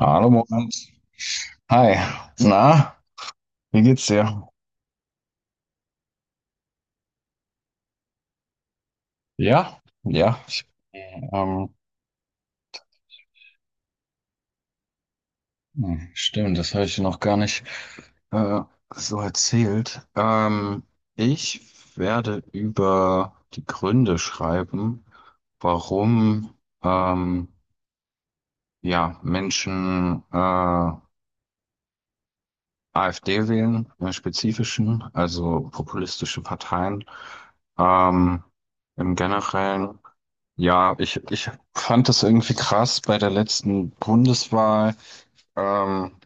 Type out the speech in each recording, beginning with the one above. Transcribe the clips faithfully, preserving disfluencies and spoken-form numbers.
Hallo, Moritz. Hi. Na, wie geht's dir? Ja, ja. Ich, ähm, hm, stimmt, das habe ich dir noch gar nicht äh, so erzählt. Ähm, ich werde über die Gründe schreiben, warum ähm, ja, Menschen äh, AfD wählen, im Spezifischen, also populistische Parteien. Ähm, im Generellen. Ja, ich, ich fand das irgendwie krass bei der letzten Bundeswahl. Ähm,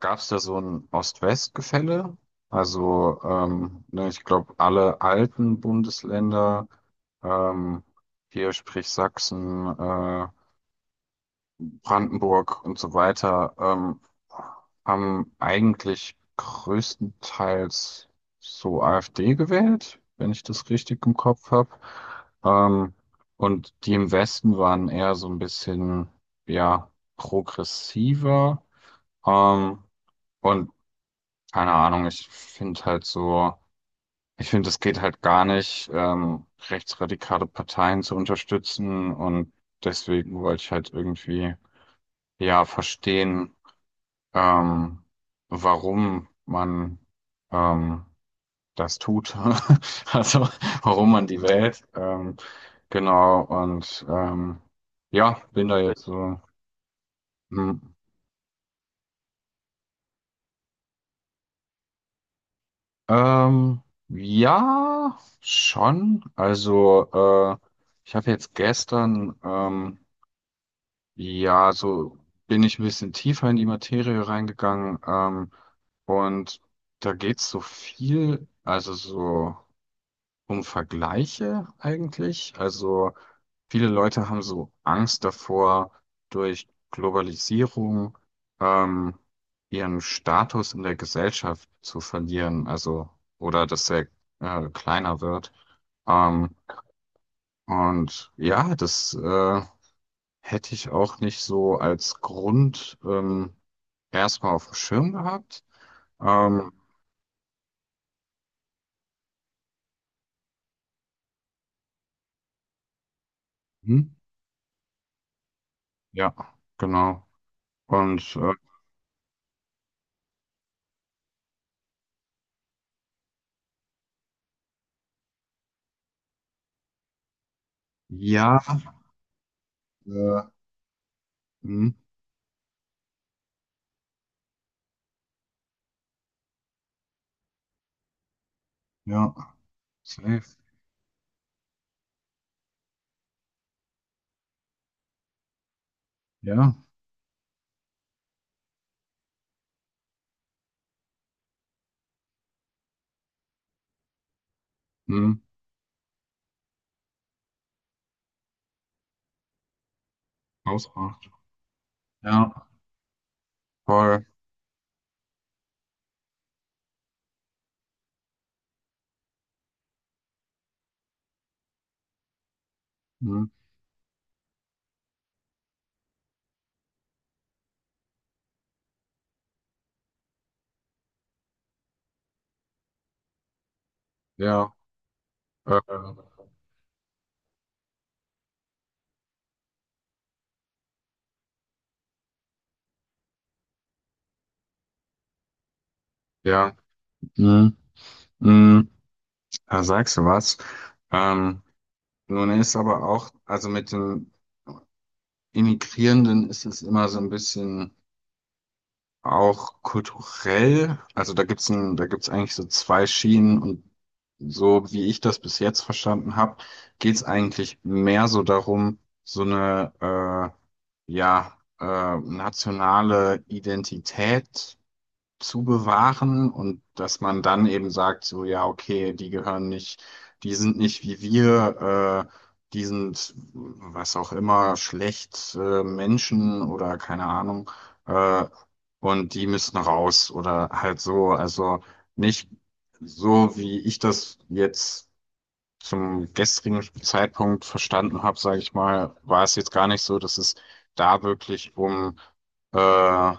gab es da so ein Ost-West-Gefälle? Also, ähm, ne, ich glaube, alle alten Bundesländer, ähm, hier sprich Sachsen, äh, Brandenburg und so weiter, ähm, haben eigentlich größtenteils so AfD gewählt, wenn ich das richtig im Kopf habe. Ähm, und die im Westen waren eher so ein bisschen, ja, progressiver. Ähm, und keine Ahnung, ich finde halt so, ich finde, es geht halt gar nicht, ähm, rechtsradikale Parteien zu unterstützen. Und deswegen wollte ich halt irgendwie, ja, verstehen, ähm, warum man ähm, das tut, also warum man die wählt. Ähm, genau, und ähm, ja, bin da jetzt so. Hm. Ähm, ja, schon. Also, äh, ich habe jetzt gestern, ähm, ja, so bin ich ein bisschen tiefer in die Materie reingegangen, ähm, und da geht's so viel, also so um Vergleiche eigentlich. Also viele Leute haben so Angst davor, durch Globalisierung ähm, ihren Status in der Gesellschaft zu verlieren, also oder dass er äh, kleiner wird. Ähm, und ja, das äh, hätte ich auch nicht so als Grund ähm, erstmal auf dem Schirm gehabt. Ähm, hm, ja, genau. Und äh, ja, äh, hm, ja. Safe. Ja. Mhm. Hausmacht. Ja. Voll. Mhm. Ja. Äh, ja. Mhm. Mhm. Da sagst du was. Ähm, nun ist aber auch, also mit den Immigrierenden ist es immer so ein bisschen auch kulturell. Also da gibt's ein, da gibt's eigentlich so zwei Schienen und so wie ich das bis jetzt verstanden habe, geht's eigentlich mehr so darum, so eine äh, ja, äh, nationale Identität zu bewahren und dass man dann eben sagt, so ja, okay, die gehören nicht, die sind nicht wie wir, äh, die sind was auch immer, schlecht, äh, Menschen oder keine Ahnung, äh, und die müssen raus oder halt so, also nicht so, wie ich das jetzt zum gestrigen Zeitpunkt verstanden habe, sage ich mal, war es jetzt gar nicht so, dass es da wirklich um äh,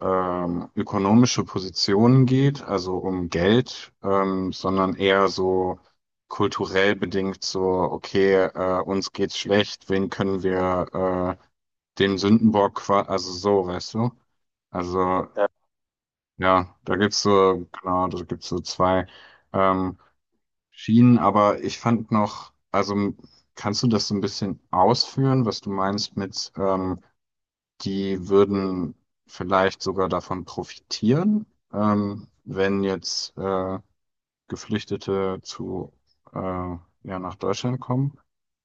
ähm, ökonomische Positionen geht, also um Geld, ähm, sondern eher so kulturell bedingt so, okay, äh, uns geht's schlecht, wen können wir äh, dem Sündenbock, qua- also so, weißt du? Also ja, da gibt's so, genau, da gibt's so zwei. Ähm, Schienen, aber ich fand noch, also m- kannst du das so ein bisschen ausführen, was du meinst mit, ähm, die würden vielleicht sogar davon profitieren, ähm, wenn jetzt äh, Geflüchtete zu, äh, ja, nach Deutschland kommen?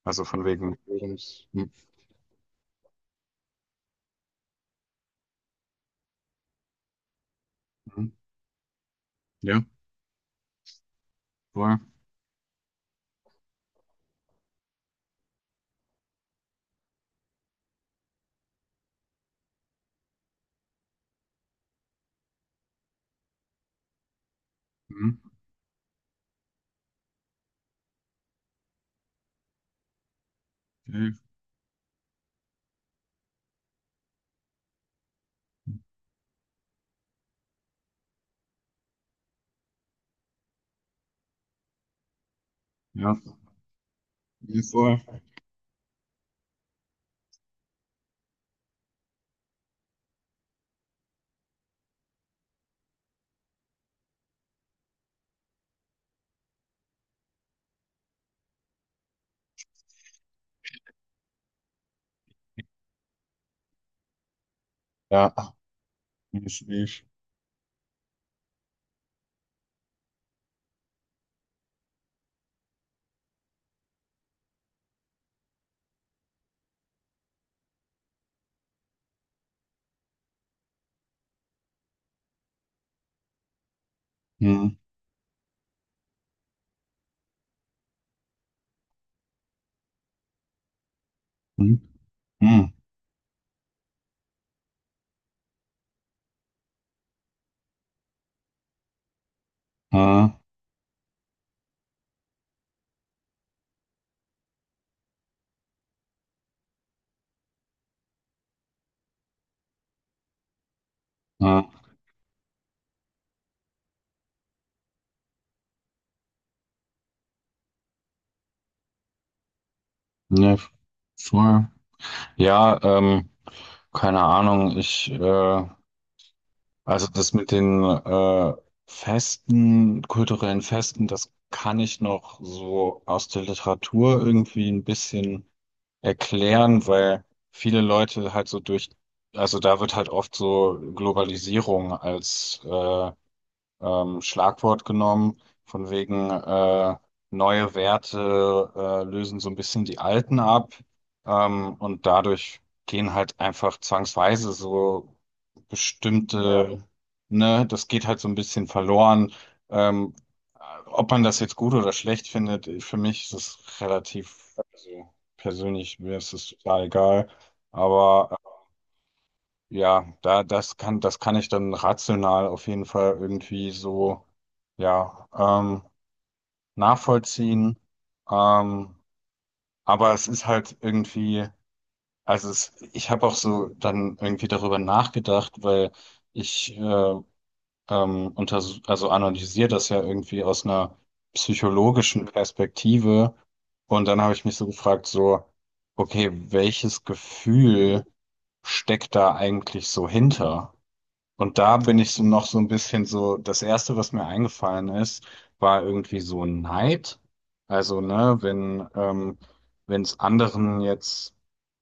Also von wegen. Mhm. Ja, voll. Mhm. Okay. Ja, ja, voll. Ja, ich, ich. Mhm. Mhm. Mhm. Mhm. Ja, voll. Ja, ähm, keine Ahnung. Ich, äh, also das mit den äh, Festen, kulturellen Festen, das kann ich noch so aus der Literatur irgendwie ein bisschen erklären, weil viele Leute halt so durch, also da wird halt oft so Globalisierung als äh, ähm, Schlagwort genommen, von wegen äh, neue Werte äh, lösen so ein bisschen die alten ab, ähm, und dadurch gehen halt einfach zwangsweise so bestimmte, ne, das geht halt so ein bisschen verloren. Ähm, ob man das jetzt gut oder schlecht findet, für mich ist es relativ, also persönlich mir ist es total egal, aber ja, da, das kann, das kann ich dann rational auf jeden Fall irgendwie so, ja, ähm, nachvollziehen. Ähm, aber es ist halt irgendwie, also es, ich habe auch so dann irgendwie darüber nachgedacht, weil ich äh, ähm, unters also analysiere das ja irgendwie aus einer psychologischen Perspektive. Und dann habe ich mich so gefragt, so, okay, welches Gefühl steckt da eigentlich so hinter? Und da bin ich so noch so ein bisschen so, das Erste, was mir eingefallen ist, war irgendwie so Neid. Also, ne, wenn ähm, wenn es anderen jetzt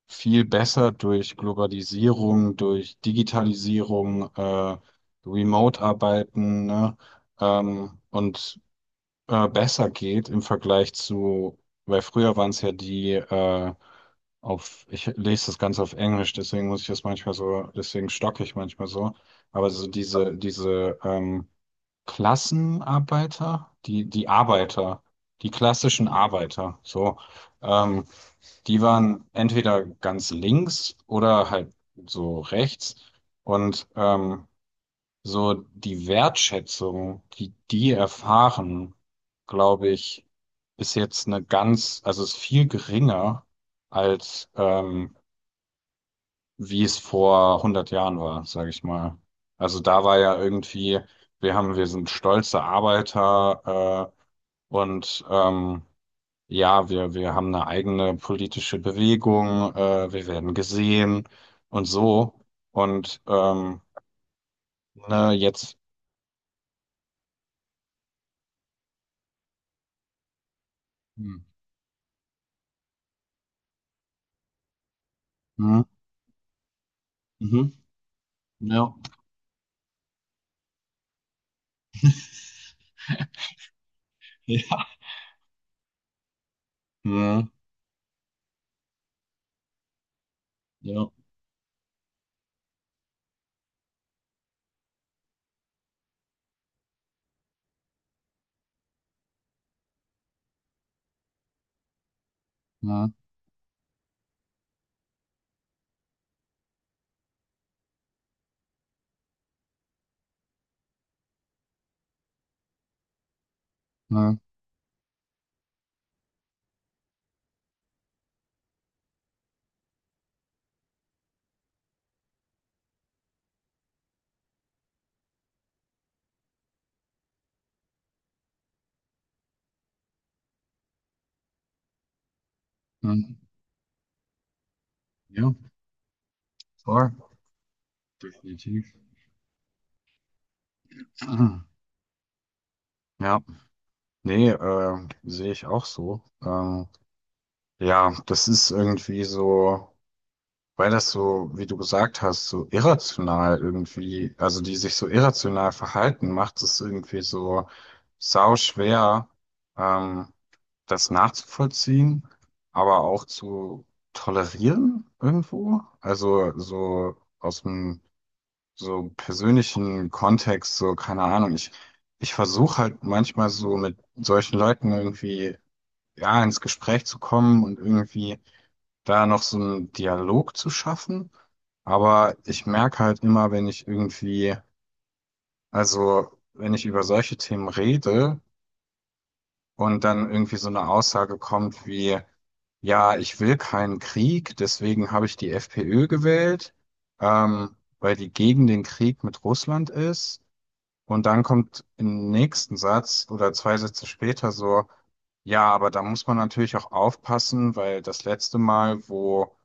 viel besser durch Globalisierung, durch Digitalisierung, äh, Remote-Arbeiten, ne, ähm, und äh, besser geht im Vergleich zu, weil früher waren es ja die äh, auf, ich lese das Ganze auf Englisch, deswegen muss ich das manchmal so, deswegen stocke ich manchmal so. Aber so diese, diese ähm, Klassenarbeiter, die, die Arbeiter, die klassischen Arbeiter, so, ähm, die waren entweder ganz links oder halt so rechts. Und ähm, so die Wertschätzung, die die erfahren, glaube ich, ist jetzt eine ganz, also ist viel geringer als ähm, wie es vor hundert Jahren war, sage ich mal. Also da war ja irgendwie, wir haben, wir sind stolze Arbeiter äh, und ähm, ja, wir wir haben eine eigene politische Bewegung, äh, wir werden gesehen und so und ähm, ne, jetzt. Hm. hm, Mhm. Ja. Ja. Ja. Ja. Ja. Ja. Ja. Ja. Voll. Definitiv. Ja. Nee, äh, sehe ich auch so. Ähm, ja, das ist irgendwie so, weil das so, wie du gesagt hast, so irrational irgendwie, also die sich so irrational verhalten, macht es irgendwie so sau schwer, ähm, das nachzuvollziehen, aber auch zu tolerieren irgendwo. Also so aus dem so persönlichen Kontext, so keine Ahnung. Ich, ich versuche halt manchmal so mit solchen Leuten irgendwie, ja, ins Gespräch zu kommen und irgendwie da noch so einen Dialog zu schaffen. Aber ich merke halt immer, wenn ich irgendwie, also wenn ich über solche Themen rede und dann irgendwie so eine Aussage kommt wie, ja, ich will keinen Krieg, deswegen habe ich die FPÖ gewählt, ähm, weil die gegen den Krieg mit Russland ist. Und dann kommt im nächsten Satz oder zwei Sätze später so, ja, aber da muss man natürlich auch aufpassen, weil das letzte Mal, wo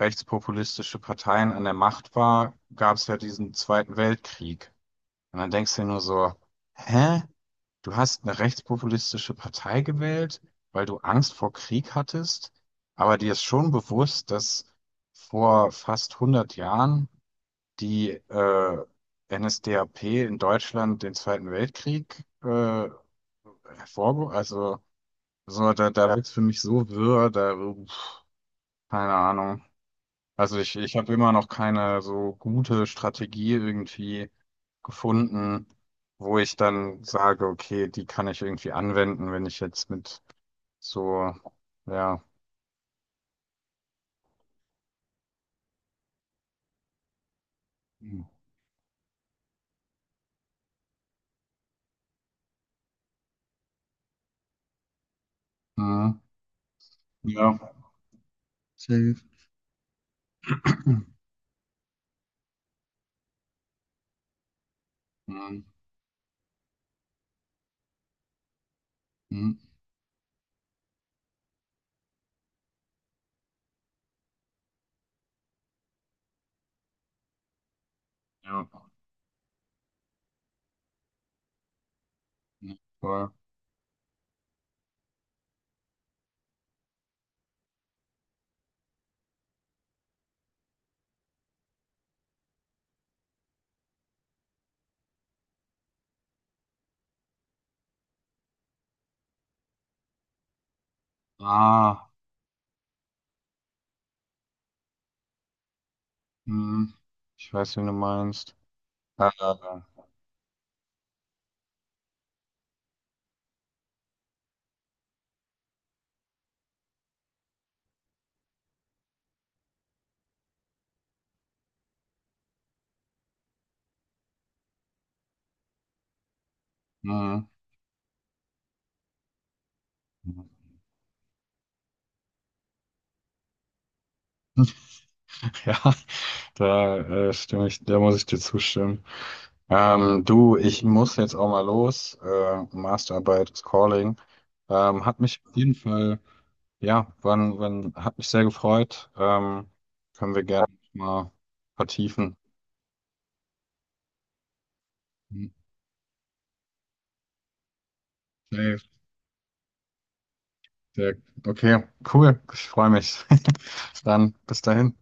rechtspopulistische Parteien an der Macht war, gab es ja diesen Zweiten Weltkrieg. Und dann denkst du dir nur so, hä? Du hast eine rechtspopulistische Partei gewählt, weil du Angst vor Krieg hattest, aber dir ist schon bewusst, dass vor fast hundert Jahren die äh, N S D A P in Deutschland den Zweiten Weltkrieg äh, hervorge... Also, so, da, da wird's für mich so wirr, da, uff, keine Ahnung. Also ich, ich habe immer noch keine so gute Strategie irgendwie gefunden, wo ich dann sage, okay, die kann ich irgendwie anwenden, wenn ich jetzt mit so, ja, mhm. ja, safe. Mhm. Mhm. ja, Ja, voll. Ah. Hm, ich weiß, wen du meinst. Ah, hm. Ja, da äh, stimme ich, da muss ich dir zustimmen. Ähm, du, ich muss jetzt auch mal los. Äh, Masterarbeit ist calling. Ähm, hat mich auf jeden Fall, ja, wann, wann, hat mich sehr gefreut. Ähm, können wir gerne mal vertiefen. Hm, Safe, sehr, okay, cool. Ich freue mich. Dann bis dahin.